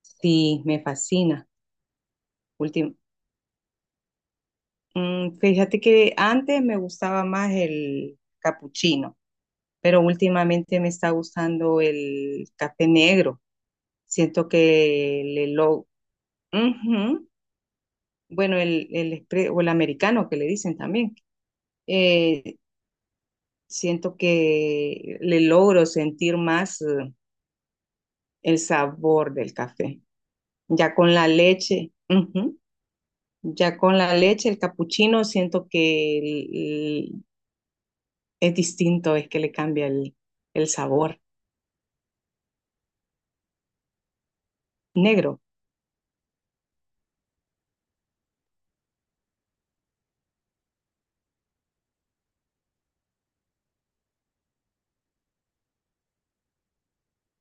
Sí, me fascina. Últim- Fíjate que antes me gustaba más el capuchino, pero últimamente me está gustando el café negro. Siento que Ujú. Bueno, el o el americano que le dicen también. Eh, Siento que le logro sentir más el sabor del café. Ya con la leche, ujú. Ya con la leche, el capuchino, siento que es distinto, es que le cambia el sabor negro.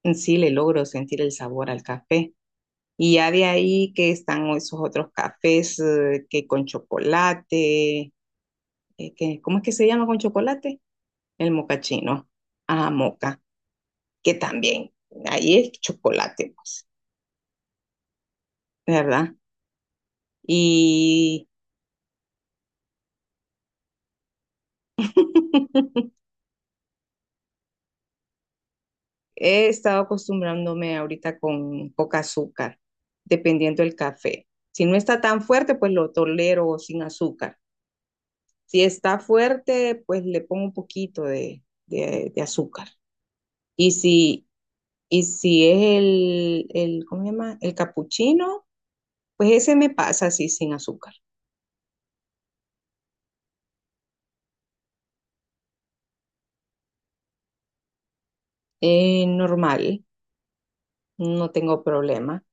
En sí le logro sentir el sabor al café. Y ya de ahí que están esos otros cafés que con chocolate, que, ¿cómo es que se llama con chocolate? El mocachino, ah, moca, que también, ahí es chocolate, pues, ¿verdad? Y he estado acostumbrándome ahorita con poca azúcar, dependiendo del café. Si no está tan fuerte, pues lo tolero sin azúcar. Si está fuerte, pues le pongo un poquito de azúcar. Y si, y si es el, ¿cómo se llama? El capuchino, pues ese me pasa así sin azúcar. Normal, no tengo problema.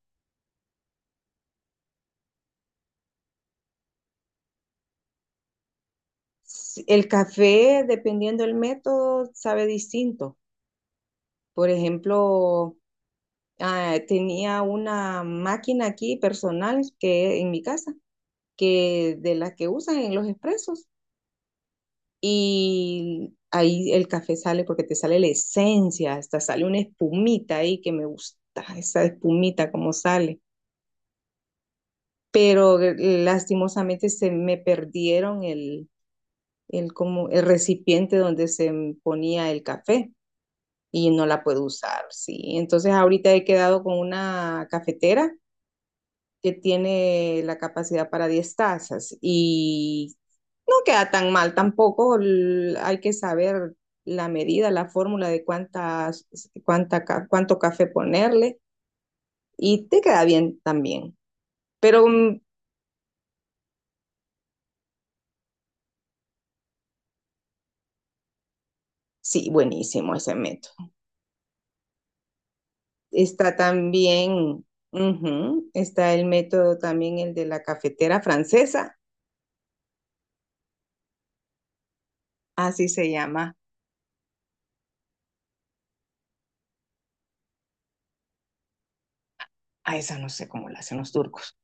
El café, dependiendo del método, sabe distinto. Por ejemplo, ah, tenía una máquina aquí personal que en mi casa, que de las que usan en los expresos, y ahí el café sale porque te sale la esencia, hasta sale una espumita ahí que me gusta, esa espumita como sale. Pero lastimosamente se me perdieron como, el recipiente donde ponía el café y no la puedo usar, sí. Entonces ahorita he quedado con una cafetera que tiene la capacidad para 10 tazas. Y no queda tan mal tampoco, hay que saber la medida, la fórmula de cuánto café ponerle y te queda bien también. Pero sí, buenísimo ese método. Está también, ujú, está el método también, el de la cafetera francesa, así se llama. A esa no sé cómo la hacen los turcos.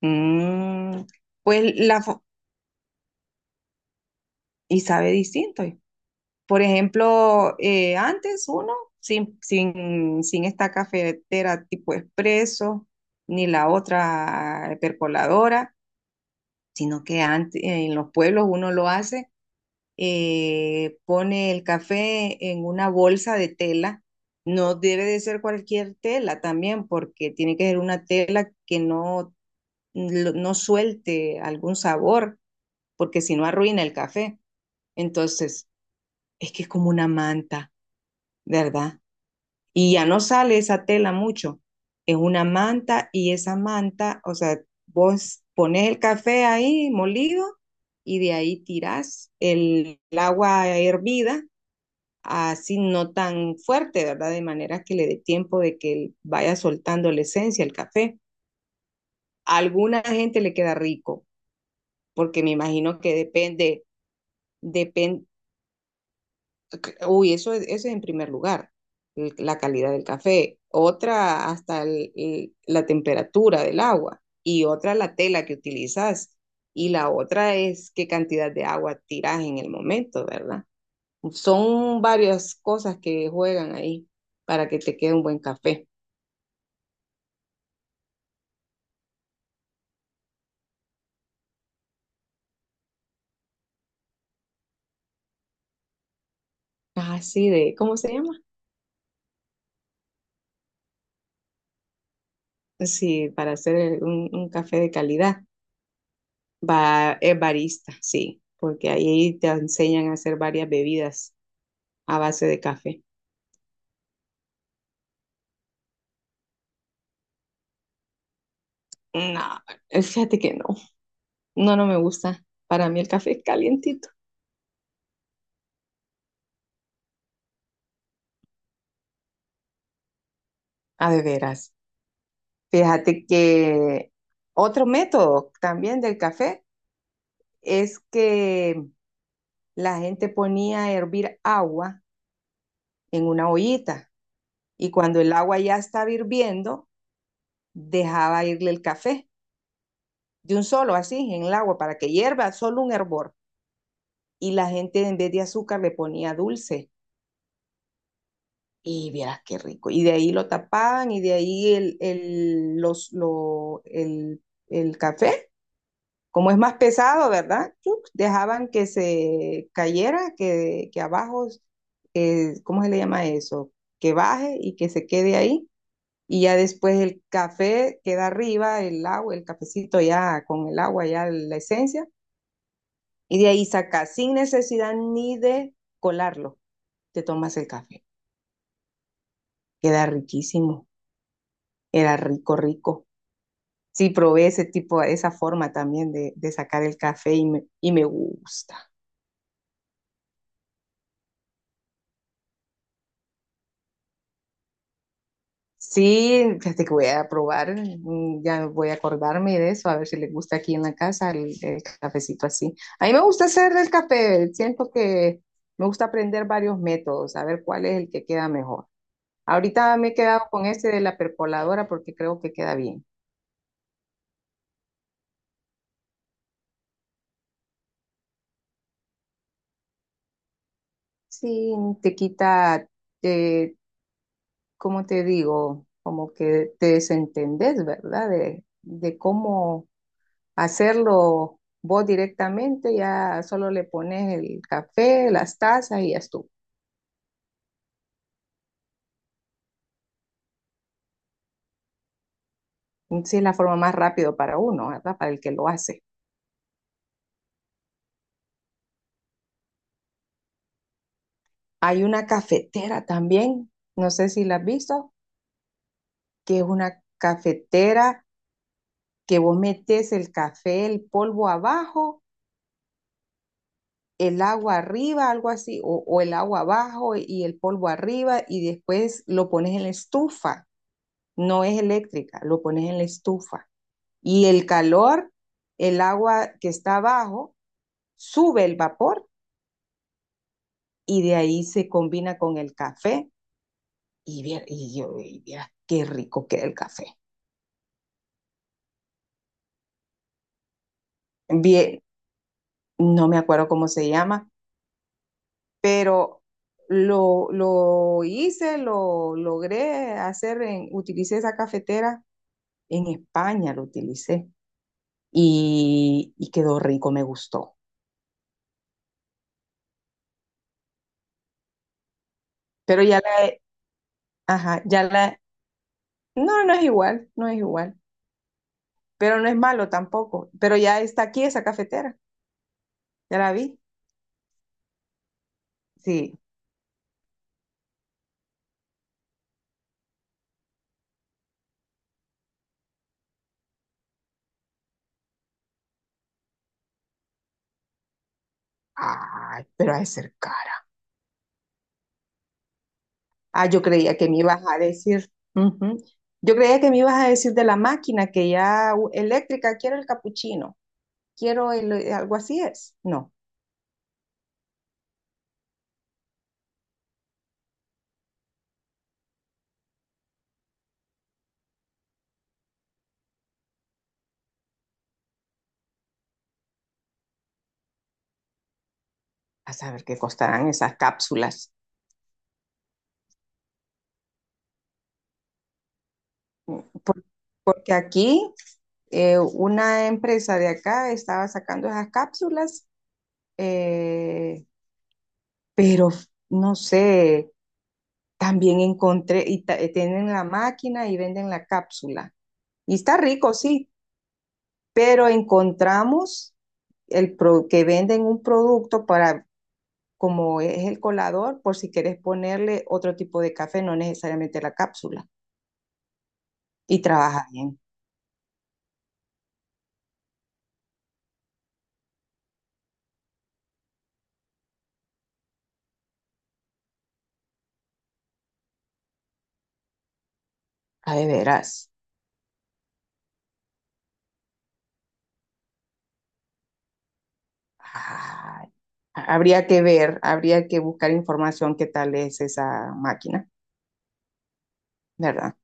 Mm, pues y sabe distinto. Por ejemplo, antes uno, sin esta cafetera tipo expreso, ni la otra percoladora, sino que antes, en los pueblos uno lo hace, pone el café en una bolsa de tela. No debe de ser cualquier tela también, porque tiene que ser una tela que no, no suelte algún sabor, porque si no arruina el café. Entonces, es que es como una manta, ¿verdad? Y ya no sale esa tela mucho. Es una manta y esa manta, o sea, vos pones el café ahí molido y de ahí tirás el agua hervida, así no tan fuerte, ¿verdad? De manera que le dé tiempo de que vaya soltando la esencia, el café. A alguna gente le queda rico, porque me imagino que depende, depende. Uy, eso, eso es en primer lugar, la calidad del café. Otra, hasta la temperatura del agua. Y otra, la tela que utilizas. Y la otra es qué cantidad de agua tiras en el momento, ¿verdad? Son varias cosas que juegan ahí para que te quede un buen café. Así de, ¿cómo se llama? Sí, para hacer un café de calidad. Va es barista, sí, porque ahí te enseñan a hacer varias bebidas a base de café. No, fíjate que no, no, no me gusta. Para mí el café es calientito. Ah, de veras. Fíjate que otro método también del café es que la gente ponía a hervir agua en una ollita, y cuando el agua ya estaba hirviendo, dejaba irle el café de un solo así en el agua para que hierva solo un hervor, y la gente en vez de azúcar le ponía dulce. Y vieras qué rico. Y de ahí lo tapaban, y de ahí el, los, lo- el café, como es más pesado, ¿verdad? Chuc, dejaban que se cayera, que abajo, ¿cómo se le llama eso? Que baje y que se quede ahí. Y ya después el café queda arriba, el agua, el cafecito ya con el agua, ya la esencia. Y de ahí sacas sin necesidad ni de colarlo. Te tomas el café. Queda riquísimo. Era rico, rico. Sí, probé ese tipo, esa forma también de sacar el café y me gusta. Sí, fíjate que voy a probar, ya voy a acordarme de eso, a ver si le gusta aquí en la casa el cafecito así. A mí me gusta hacer el café, siento que me gusta aprender varios métodos, a ver cuál es el que queda mejor. Ahorita me he quedado con este de la percoladora porque creo que queda bien. Sí, te quita, eh, como te digo, como que te desentendés, ¿verdad? De cómo hacerlo vos directamente, ya solo le pones el café, las tazas y ya estuvo. Sí, es la forma más rápida para uno, ¿verdad? Para el que lo hace. Hay una cafetera también, no sé si la has visto, que es una cafetera que vos metes el café, el polvo abajo, el agua arriba, algo así, o el agua abajo y el polvo arriba, y después lo pones en la estufa. No es eléctrica, lo pones en la estufa. Y el calor, el agua que está abajo, sube el vapor y de ahí se combina con el café. Y, y yo, y vieras qué rico queda el café. Bien, no me acuerdo cómo se llama, pero lo hice, lo logré hacer, en, utilicé esa cafetera en España lo utilicé y quedó rico, me gustó. Pero ya la, ajá, ya la, no, no es igual, no es igual, pero no es malo tampoco. Pero ya está aquí esa cafetera, ya la vi. Sí, ay, pero ha de ser cara. Ah, yo creía que me ibas a decir, ujú. Yo creía que me ibas a decir de la máquina que ya eléctrica, quiero el capuchino, quiero el, algo así es. No, a saber qué costarán esas cápsulas. Mm, Por- Porque aquí una empresa de acá estaba sacando esas cápsulas, eh, pero no sé, también encontré, y tienen la máquina y venden la cápsula. Y está rico, sí, pero encontramos que venden un producto para, como es el colador, por si quieres ponerle otro tipo de café, no necesariamente la cápsula, y trabaja bien, a de veras. Ah, habría que ver, habría que buscar información qué tal es esa máquina, ¿verdad?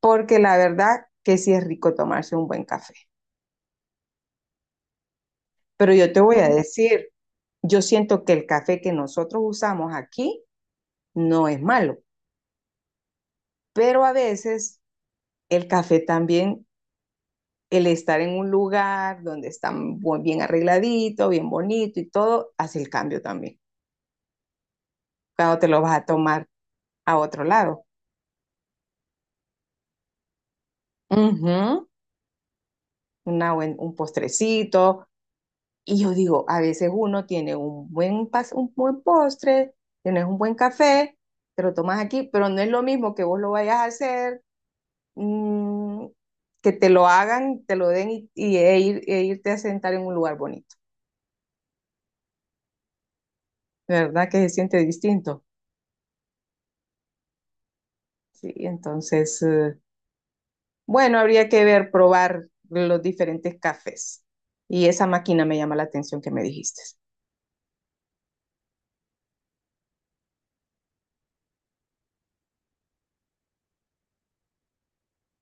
Porque la verdad que sí es rico tomarse un buen café. Pero yo te voy a decir, yo siento que el café que nosotros usamos aquí no es malo, pero a veces el café también, el estar en un lugar donde está bien arregladito, bien bonito y todo, hace el cambio también. Cuando te lo vas a tomar a otro lado. Ujú, un postrecito. Y yo digo, a veces uno tiene un buen, un buen postre, tienes un buen café, te lo tomas aquí, pero no es lo mismo que vos lo vayas a hacer, mm, que te lo hagan, te lo den e irte a sentar en un lugar bonito. ¿Verdad que se siente distinto? Sí, entonces, bueno, habría que ver, probar los diferentes cafés. Y esa máquina me llama la atención que me dijiste.